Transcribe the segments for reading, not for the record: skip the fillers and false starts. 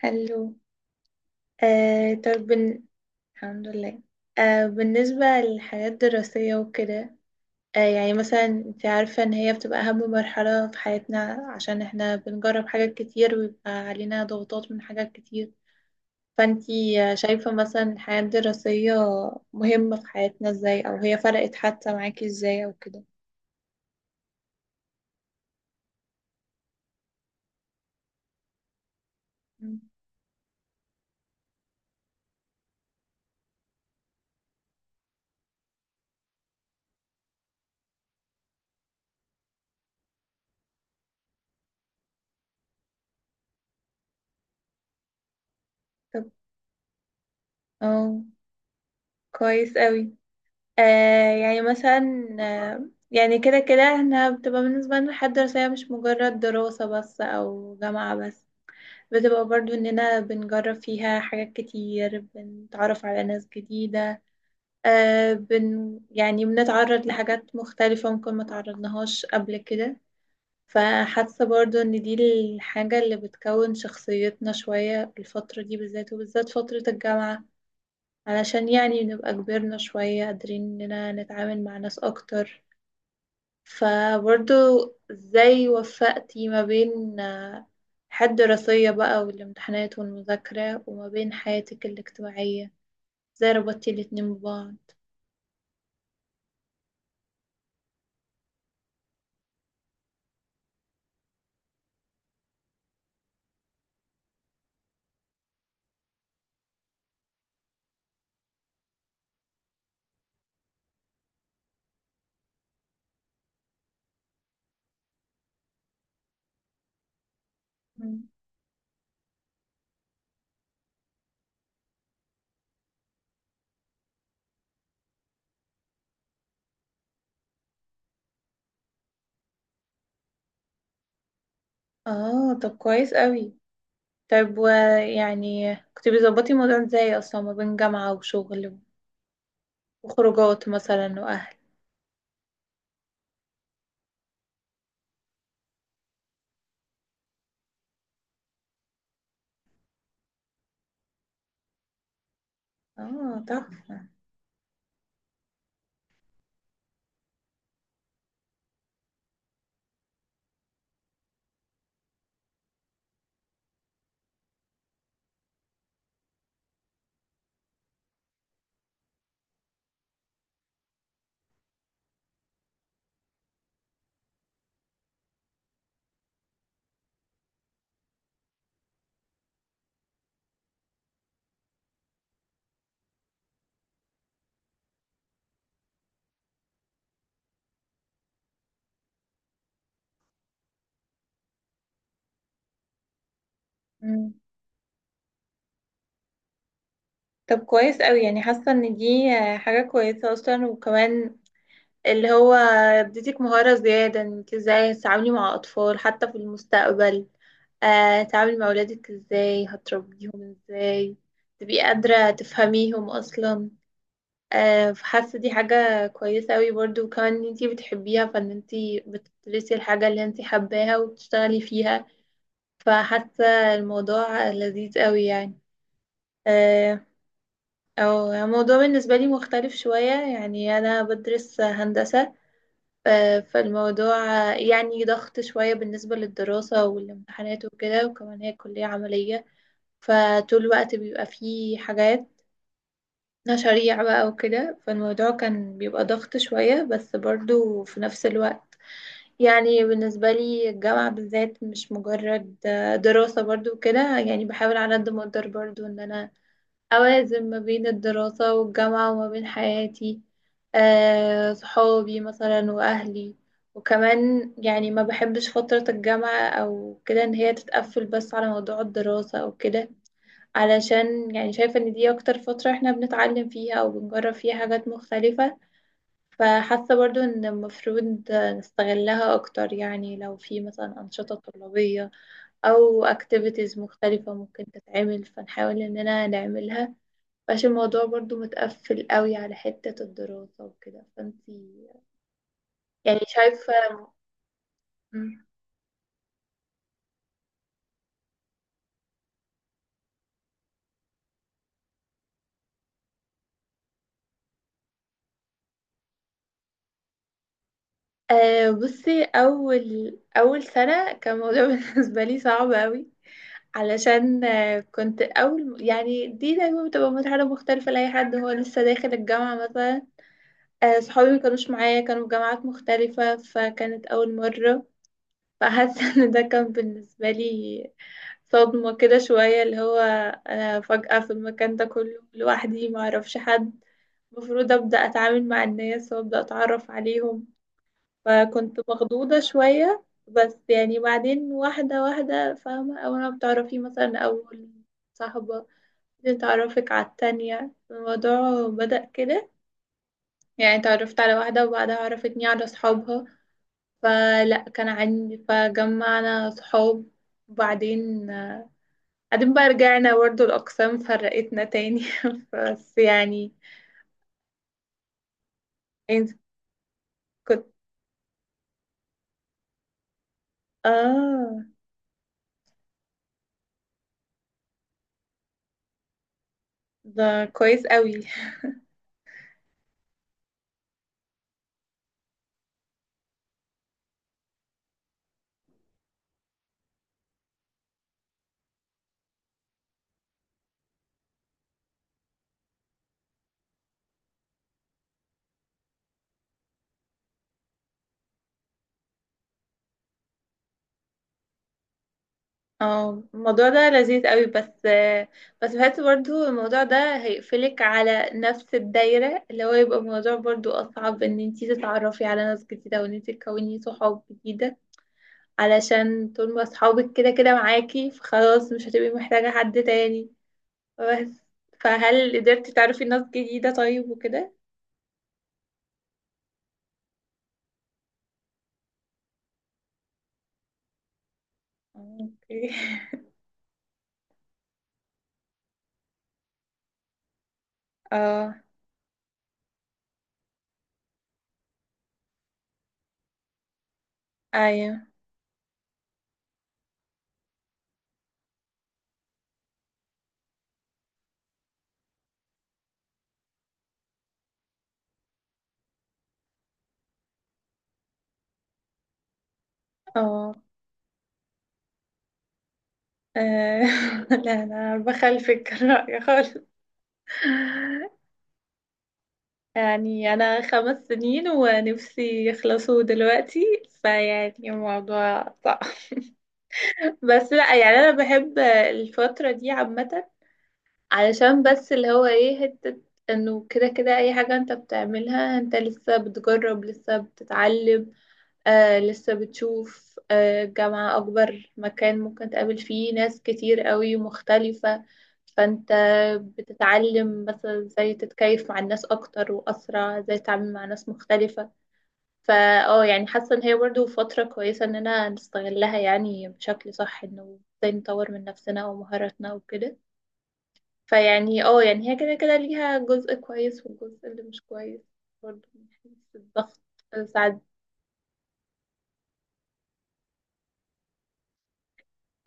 حلو. طب الحمد لله. بالنسبة للحياة الدراسية وكده، يعني مثلا انت عارفة ان هي بتبقى اهم مرحلة في حياتنا، عشان احنا بنجرب حاجات كتير ويبقى علينا ضغوطات من حاجات كتير. فانتي شايفة مثلا الحياة الدراسية مهمة في حياتنا ازاي، او هي فرقت حتى معاكي ازاي او كده؟ مم. طب اه، كويس قوي. آه يعني مثلا آه يعني كده كده احنا بتبقى بالنسبة لنا الحياة الدراسية مش مجرد دراسة بس أو جامعة بس، بتبقى برضو إننا بنجرب فيها حاجات كتير، بنتعرف على ناس جديدة. آه بن يعني بنتعرض لحاجات مختلفة ممكن ما تعرضناهاش قبل كده. فحاسة برضو إن دي الحاجة اللي بتكون شخصيتنا شوية، الفترة دي بالذات، وبالذات فترة الجامعة، علشان يعني نبقى كبرنا شوية قادرين إننا نتعامل مع ناس أكتر. فبرضو، ازاي وفقتي ما بين الحياة الدراسية بقى والامتحانات والمذاكرة وما بين حياتك الاجتماعية؟ ازاي ربطتي الاتنين ببعض؟ مم. اه طب كويس قوي. طيب ويعني كنت بتظبطي الموضوع ازاي اصلا ما بين جامعة وشغل وخروجات مثلا واهل؟ اه تحفة. مم. طب كويس قوي. يعني حاسة ان دي حاجة كويسة اصلا، وكمان اللي هو اديتك مهارة زيادة انك ازاي تتعاملي مع أطفال حتى في المستقبل. تتعاملي مع أولادك ازاي، هتربيهم ازاي، تبقي قادرة تفهميهم أصلا. فحاسة دي حاجة كويسة أوي برضو، وكمان ان انتي بتحبيها، فان انتي بتدرسي الحاجة اللي انتي حباها وبتشتغلي فيها. فحاسة الموضوع لذيذ أوي يعني. آه، أو الموضوع بالنسبة لي مختلف شوية، يعني أنا بدرس هندسة. آه، فالموضوع آه، يعني ضغط شوية بالنسبة للدراسة والامتحانات وكده، وكمان هي كلية عملية، فطول الوقت بيبقى فيه حاجات مشاريع بقى وكده. فالموضوع كان بيبقى ضغط شوية، بس برضو في نفس الوقت يعني بالنسبة لي الجامعة بالذات مش مجرد دراسة. برضو كده يعني بحاول على قد ما اقدر برضو ان انا أوازن ما بين الدراسة والجامعة وما بين حياتي، صحابي مثلا وأهلي. وكمان يعني ما بحبش فترة الجامعة أو كده إن هي تتقفل بس على موضوع الدراسة أو كده، علشان يعني شايفة إن دي أكتر فترة إحنا بنتعلم فيها أو بنجرب فيها حاجات مختلفة. فحاسة برضو إن المفروض نستغلها أكتر، يعني لو في مثلا أنشطة طلابية أو activities مختلفة ممكن تتعمل فنحاول إننا نعملها، مبقاش الموضوع برضو متقفل قوي على حتة الدراسة وكده. فانتي يعني شايفة؟ مم. بصي، أول أول سنة كان الموضوع بالنسبة لي صعب قوي، علشان كنت أول، يعني دي دايما بتبقى مرحلة مختلفة لأي حد هو لسه داخل الجامعة مثلا. صحابي ما كانوش معايا، كانوا في جامعات مختلفة، فكانت أول مرة. فحاسة ان ده كان بالنسبة لي صدمة كده شوية، اللي هو انا فجأة في المكان ده كله لوحدي، ما اعرفش حد، المفروض ابدأ اتعامل مع الناس وابدأ اتعرف عليهم. فكنت مخضوضة شوية. بس يعني بعدين واحدة واحدة فاهمة، اول ما بتعرفي مثلا اول صاحبة، بعدين تعرفك على التانية، الموضوع بدأ كده. يعني تعرفت على واحدة وبعدها عرفتني على صحابها، فلا كان عندي فجمعنا صحاب. وبعدين آه، بعدين بقى رجعنا برضه الأقسام فرقتنا تاني بس يعني انت كنت اه. ده كويس قوي. اه، الموضوع ده لذيذ قوي، بس بس بحس برضه الموضوع ده هيقفلك على نفس الدايرة، اللي هو يبقى الموضوع برضه أصعب ان انتي تتعرفي على ناس جديدة وان انتي تكوني صحاب جديدة، علشان طول ما صحابك كده كده معاكي فخلاص مش هتبقي محتاجة حد تاني. بس فهل قدرتي تعرفي ناس جديدة طيب وكده؟ اوكي اه ايوه اه. آه، لا انا بخلفك الرأي خالص. يعني انا 5 سنين ونفسي يخلصوا دلوقتي، فيعني الموضوع صعب بس لا يعني انا بحب الفترة دي عامة، علشان بس اللي هو ايه حتة انه كده كده اي حاجة انت بتعملها انت لسه بتجرب لسه بتتعلم. لسه بتشوف، جامعة أكبر مكان ممكن تقابل فيه ناس كتير قوي مختلفة. فأنت بتتعلم مثلا ازاي تتكيف مع الناس أكتر وأسرع، ازاي تتعامل مع ناس مختلفة. فا اه يعني حاسة إن هي برضه فترة كويسة إننا نستغلها يعني بشكل صح، إنه ازاي نطور من نفسنا ومهاراتنا وكده. فيعني اه يعني هي كده كده ليها جزء كويس والجزء اللي مش كويس برضه من حيث الضغط ساعات.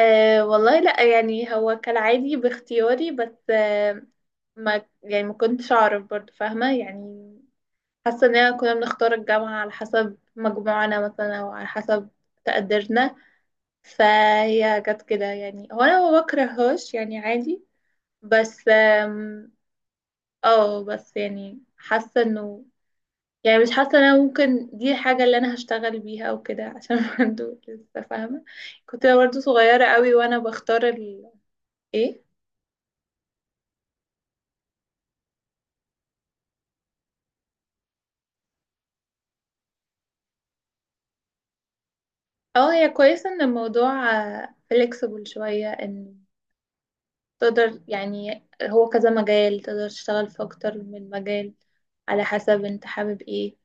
أه والله لا، يعني هو كالعادي باختياري. بس ما يعني ما كنتش اعرف برضو، فاهمة يعني؟ حاسة اننا كنا بنختار الجامعة على حسب مجموعنا مثلا او على حسب تقديرنا. فهي جت كده يعني، هو انا ما بكرههاش يعني عادي. بس اه بس يعني حاسة انه يعني مش حاسة ان انا ممكن دي الحاجة اللي انا هشتغل بيها او كده، عشان برضو لسه فاهمة كنت برضو صغيرة قوي وانا بختار ال... ايه؟ اه هي كويسة ان الموضوع فليكسبل شوية، ان تقدر، يعني هو كذا مجال، تقدر تشتغل في اكتر من مجال على حسب انت حابب ايه.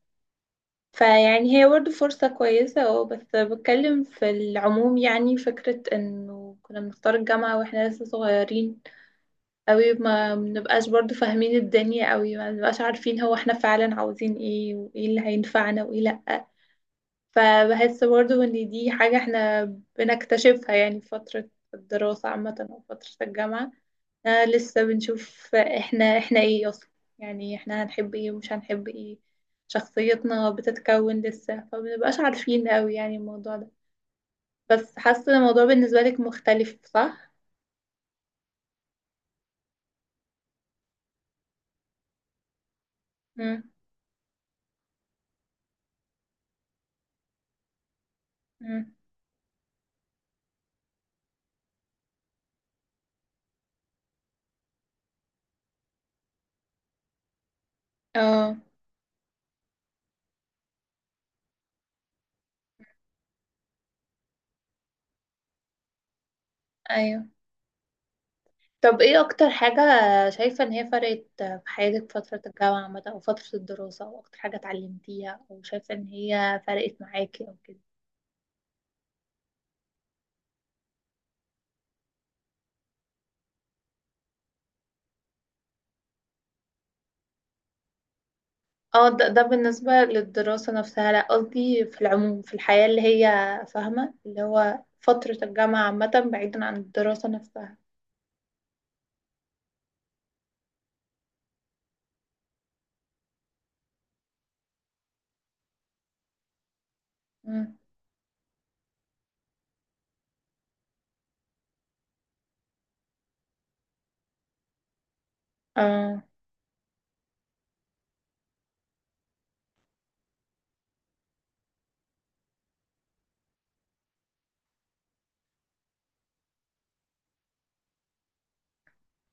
فيعني هي برضه فرصة كويسة. اه بس بتكلم في العموم، يعني فكرة انه كنا بنختار الجامعة واحنا لسه صغيرين اوي، ما بنبقاش برضه فاهمين الدنيا اوي، ما بنبقاش عارفين هو احنا فعلا عاوزين ايه وايه اللي هينفعنا وايه لأ. فبحس برضو ان دي حاجة احنا بنكتشفها يعني في فترة الدراسة عامة او فترة الجامعة. لسه بنشوف احنا ايه اصلا، يعني احنا هنحب ايه ومش هنحب ايه، شخصيتنا بتتكون لسه، فمنبقاش عارفين قوي يعني الموضوع ده. بس حاسة الموضوع بالنسبة لك مختلف، صح؟ مم. مم. اه ايوه. طب ايه اكتر حاجة شايفة ان هي فرقت في حياتك فترة الجامعة عامة او فترة الدراسة، او اكتر حاجة اتعلمتيها او شايفة ان هي فرقت معاكي او كده؟ اه ده بالنسبة للدراسة نفسها لا، قصدي في العموم في الحياة اللي هي فاهمة اللي هو فترة الجامعة عامة بعيدا عن الدراسة نفسها. مم. اه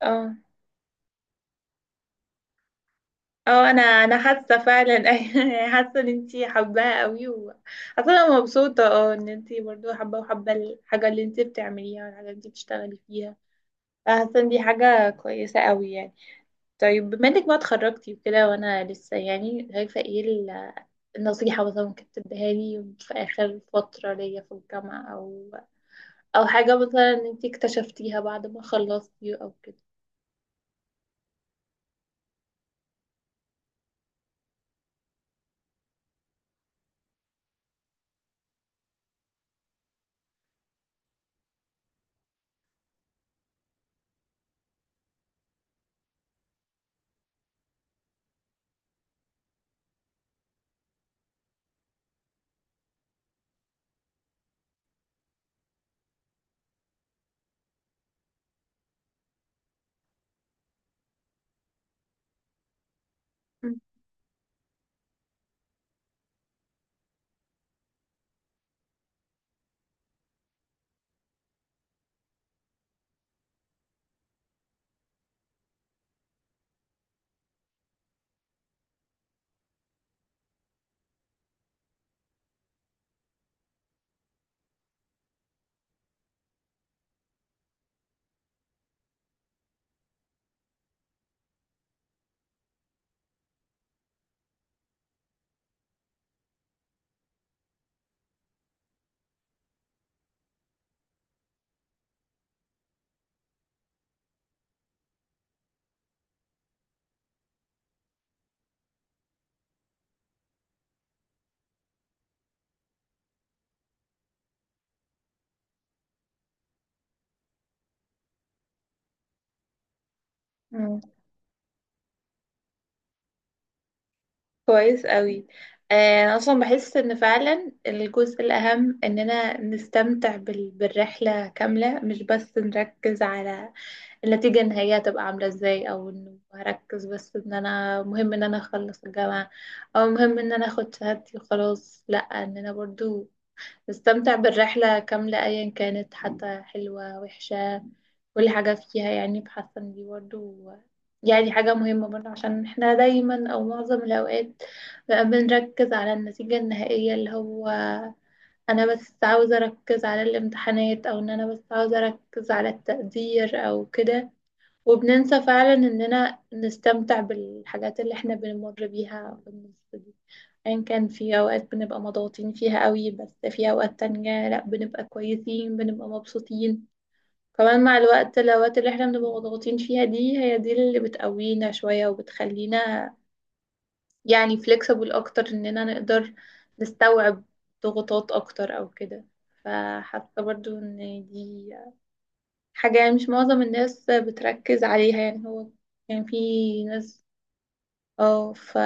اه اه انا حاسه فعلا أيوة، يعني حاسه ان انتي حباها قوي. و حاسه انا مبسوطه اه ان انتي برضو حابه، وحابه الحاجه اللي انتي بتعمليها والحاجه اللي انتي بتشتغلي فيها. فحاسه ان دي حاجه كويسه قوي يعني. طيب بما انك ما اتخرجتي وكده وانا لسه، يعني شايفه ايه النصيحه مثلا ممكن تديها لي في اخر فتره ليا في الجامعه، او او حاجه مثلا انتي اكتشفتيها بعد ما خلصتي او كده؟ كويس قوي. انا اصلا بحس ان فعلا الجزء الاهم اننا نستمتع بالرحله كامله، مش بس نركز على النتيجه النهائيه هتبقى عامله ازاي، او انه هركز بس ان انا مهم ان انا اخلص الجامعه او مهم ان انا اخد شهادتي وخلاص. لا، اننا برضو نستمتع بالرحلة كاملة أيا كانت، حتى حلوة وحشة كل حاجة فيها. يعني بحاسة إن دي برضه يعني حاجة مهمة برضه، عشان احنا دايما أو معظم الأوقات بقى بنركز على النتيجة النهائية، اللي هو أنا بس عاوزة أركز على الامتحانات أو إن أنا بس عاوزة أركز على التقدير أو كده، وبننسى فعلا اننا نستمتع بالحاجات اللي احنا بنمر بيها في النص دي. ان كان في اوقات بنبقى مضغوطين فيها قوي، بس في اوقات تانية لا بنبقى كويسين بنبقى مبسوطين. كمان مع الوقت الاوقات اللي احنا بنبقى مضغوطين فيها دي هي دي اللي بتقوينا شوية وبتخلينا يعني flexible اكتر اننا نقدر نستوعب ضغوطات اكتر او كده. فحاسة برضو ان دي حاجة يعني مش معظم الناس بتركز عليها، يعني هو يعني في ناس. اه ف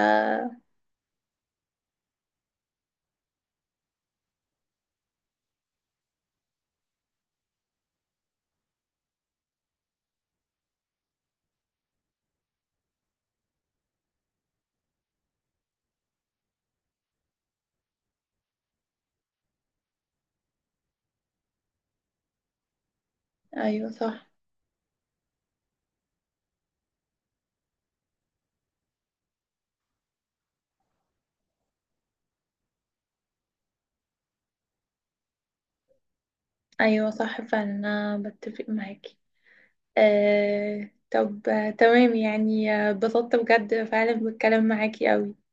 ايوه صح. ايوه صح فعلا انا بتفق معاكي. طب تمام يعني، اتبسطت بجد فعلا بالكلام معاكي قوي.